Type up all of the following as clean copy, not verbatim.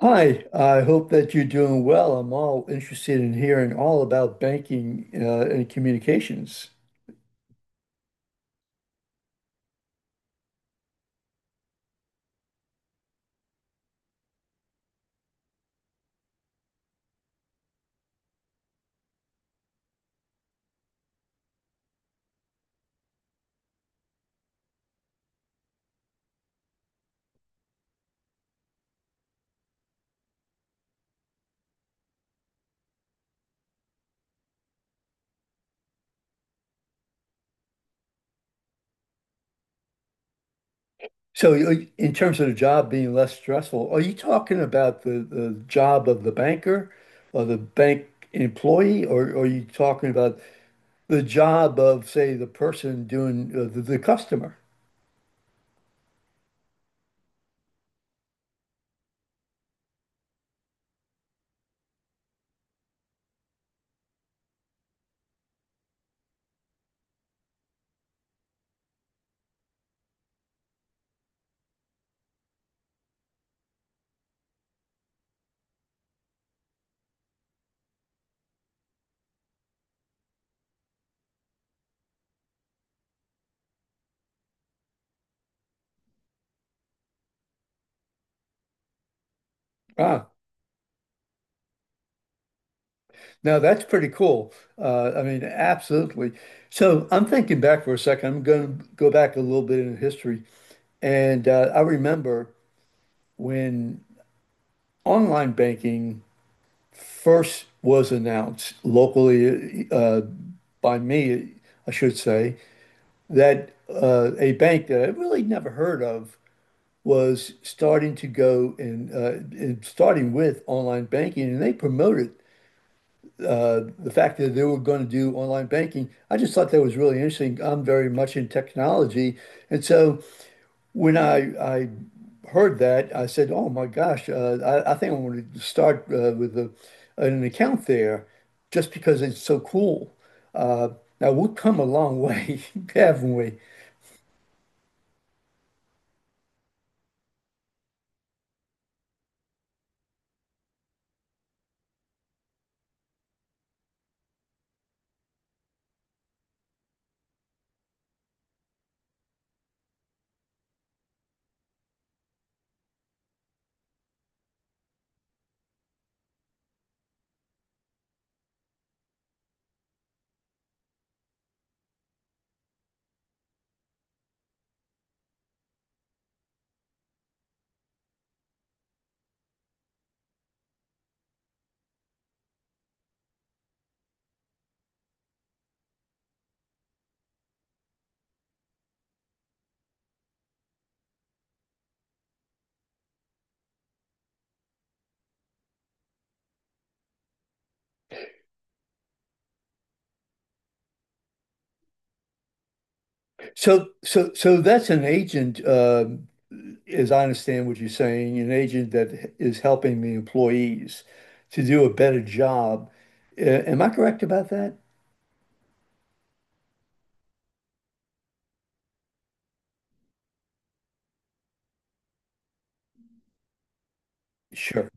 Hi, I hope that you're doing well. I'm all interested in hearing all about banking and communications. So, in terms of the job being less stressful, are you talking about the job of the banker or the bank employee, or are you talking about the job of, say, the person doing the customer? Ah, now that's pretty cool. I mean, absolutely. So, I'm thinking back for a second. I'm going to go back a little bit in history, and I remember when online banking first was announced locally, by me, I should say, that a bank that I really never heard of was starting to go and starting with online banking, and they promoted the fact that they were going to do online banking. I just thought that was really interesting. I'm very much in technology, and so when I heard that, I said, "Oh my gosh, I think I want to start with an account there, just because it's so cool." Uh, Now we've come a long way, haven't we? So that's an agent, as I understand what you're saying, an agent that is helping the employees to do a better job. Am I correct about that? Sure.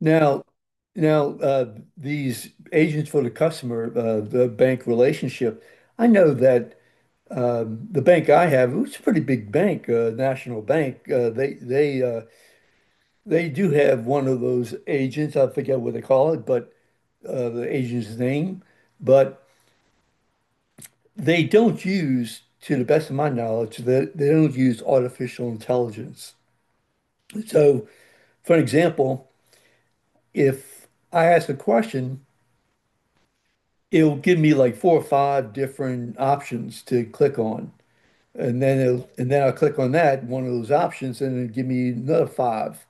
Now, now, these agents for the customer, the bank relationship. I know that the bank I have, it's a pretty big bank, National Bank. They do have one of those agents. I forget what they call it, but the agent's name. But they don't use, to the best of my knowledge, they don't use artificial intelligence. So, for example, if I ask a question, it'll give me like four or five different options to click on. And then I'll click on one of those options, and it'll give me another five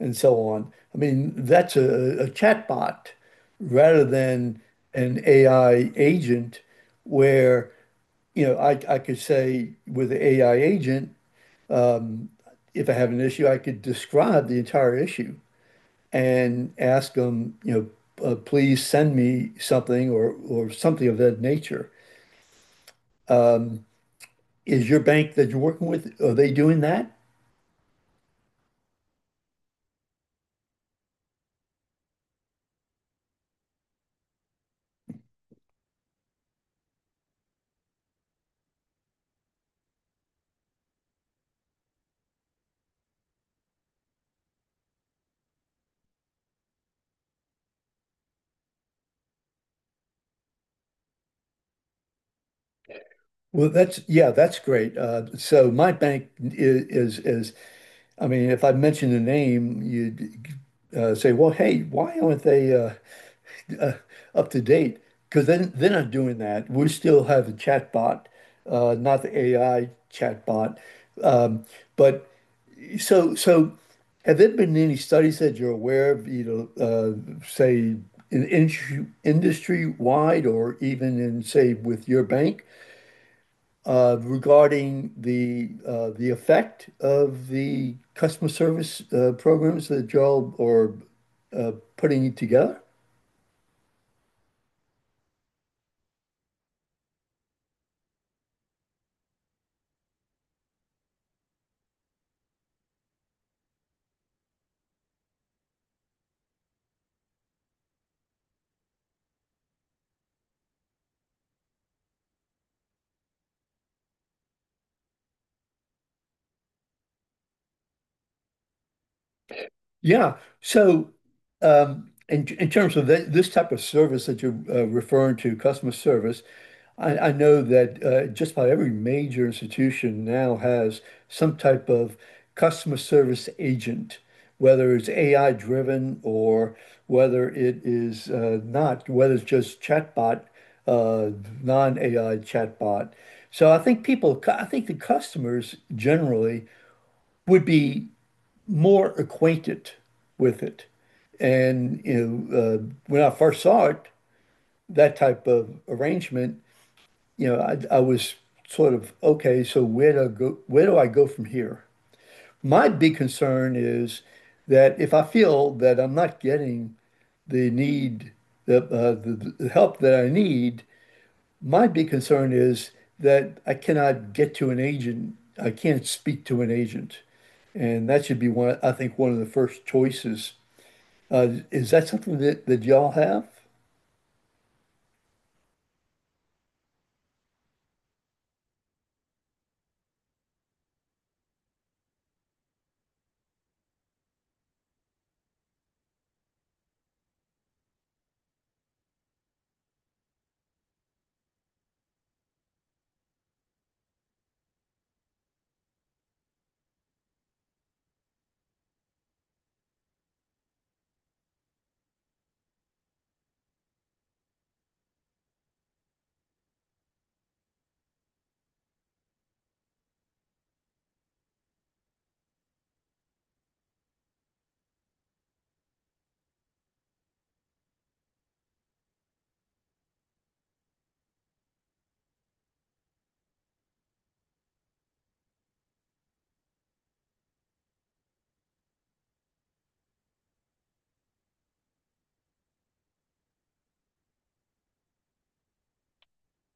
and so on. I mean, that's a chatbot rather than an AI agent where, you know, I could say with the AI agent, if I have an issue, I could describe the entire issue and ask them, you know, please send me something or something of that nature. Is your bank that you're working with, are they doing that? Well, that's great. So my bank is, is I mean, if I mention a name, you'd say, "Well, hey, why aren't they uh, up to date?" Because then they're not doing that. We still have a chat bot, not the AI chat bot, um, but So, so have there been any studies that you're aware of, you know, say in industry, industry-wide or even in, say, with your bank, regarding the effect of the customer service programs that y'all are putting together? Yeah. So, in terms of that, this type of service that you're referring to, customer service, I know that just about every major institution now has some type of customer service agent, whether it's AI driven or whether it is not, whether it's just chatbot, uh, non-AI chatbot. So I think people, I think the customers generally would be more acquainted with it. And, you know, when I first saw it, that type of arrangement, you know, I was sort of, okay, so where do I go, where do I go from here? My big concern is that if I feel that I'm not getting the need, the help that I need, my big concern is that I cannot get to an agent. I can't speak to an agent. And that should be one, I think, one of the first choices. Is that something that, that y'all have?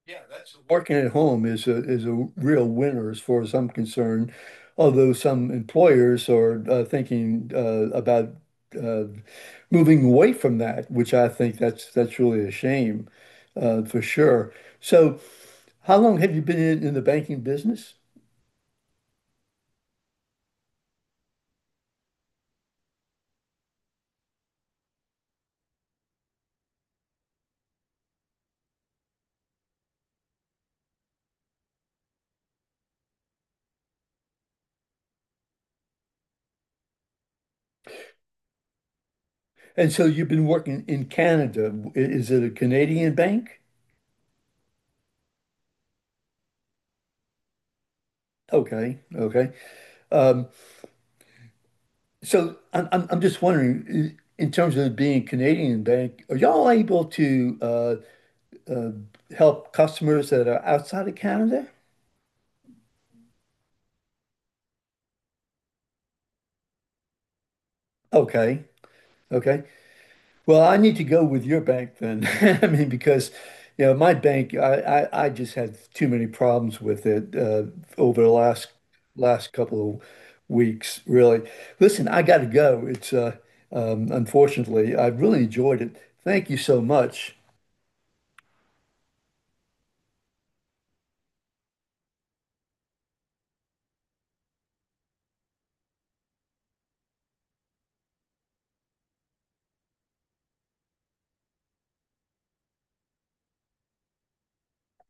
Yeah, that's working at home is a real winner as far as I'm concerned. Although some employers are thinking about uh, moving away from that, which I think that's really a shame, for sure. So, how long have you been in the banking business? And so you've been working in Canada. Is it a Canadian bank? Okay, okay. Um, So I'm just wondering, in terms of being a Canadian bank, are y'all able to uh, help customers that are outside of Canada? Okay, okay. Well, I need to go with your bank then. I mean, because you know my bank, I just had too many problems with it over the last last couple of weeks, really. Listen, I got to go. It's unfortunately, I really enjoyed it. Thank you so much.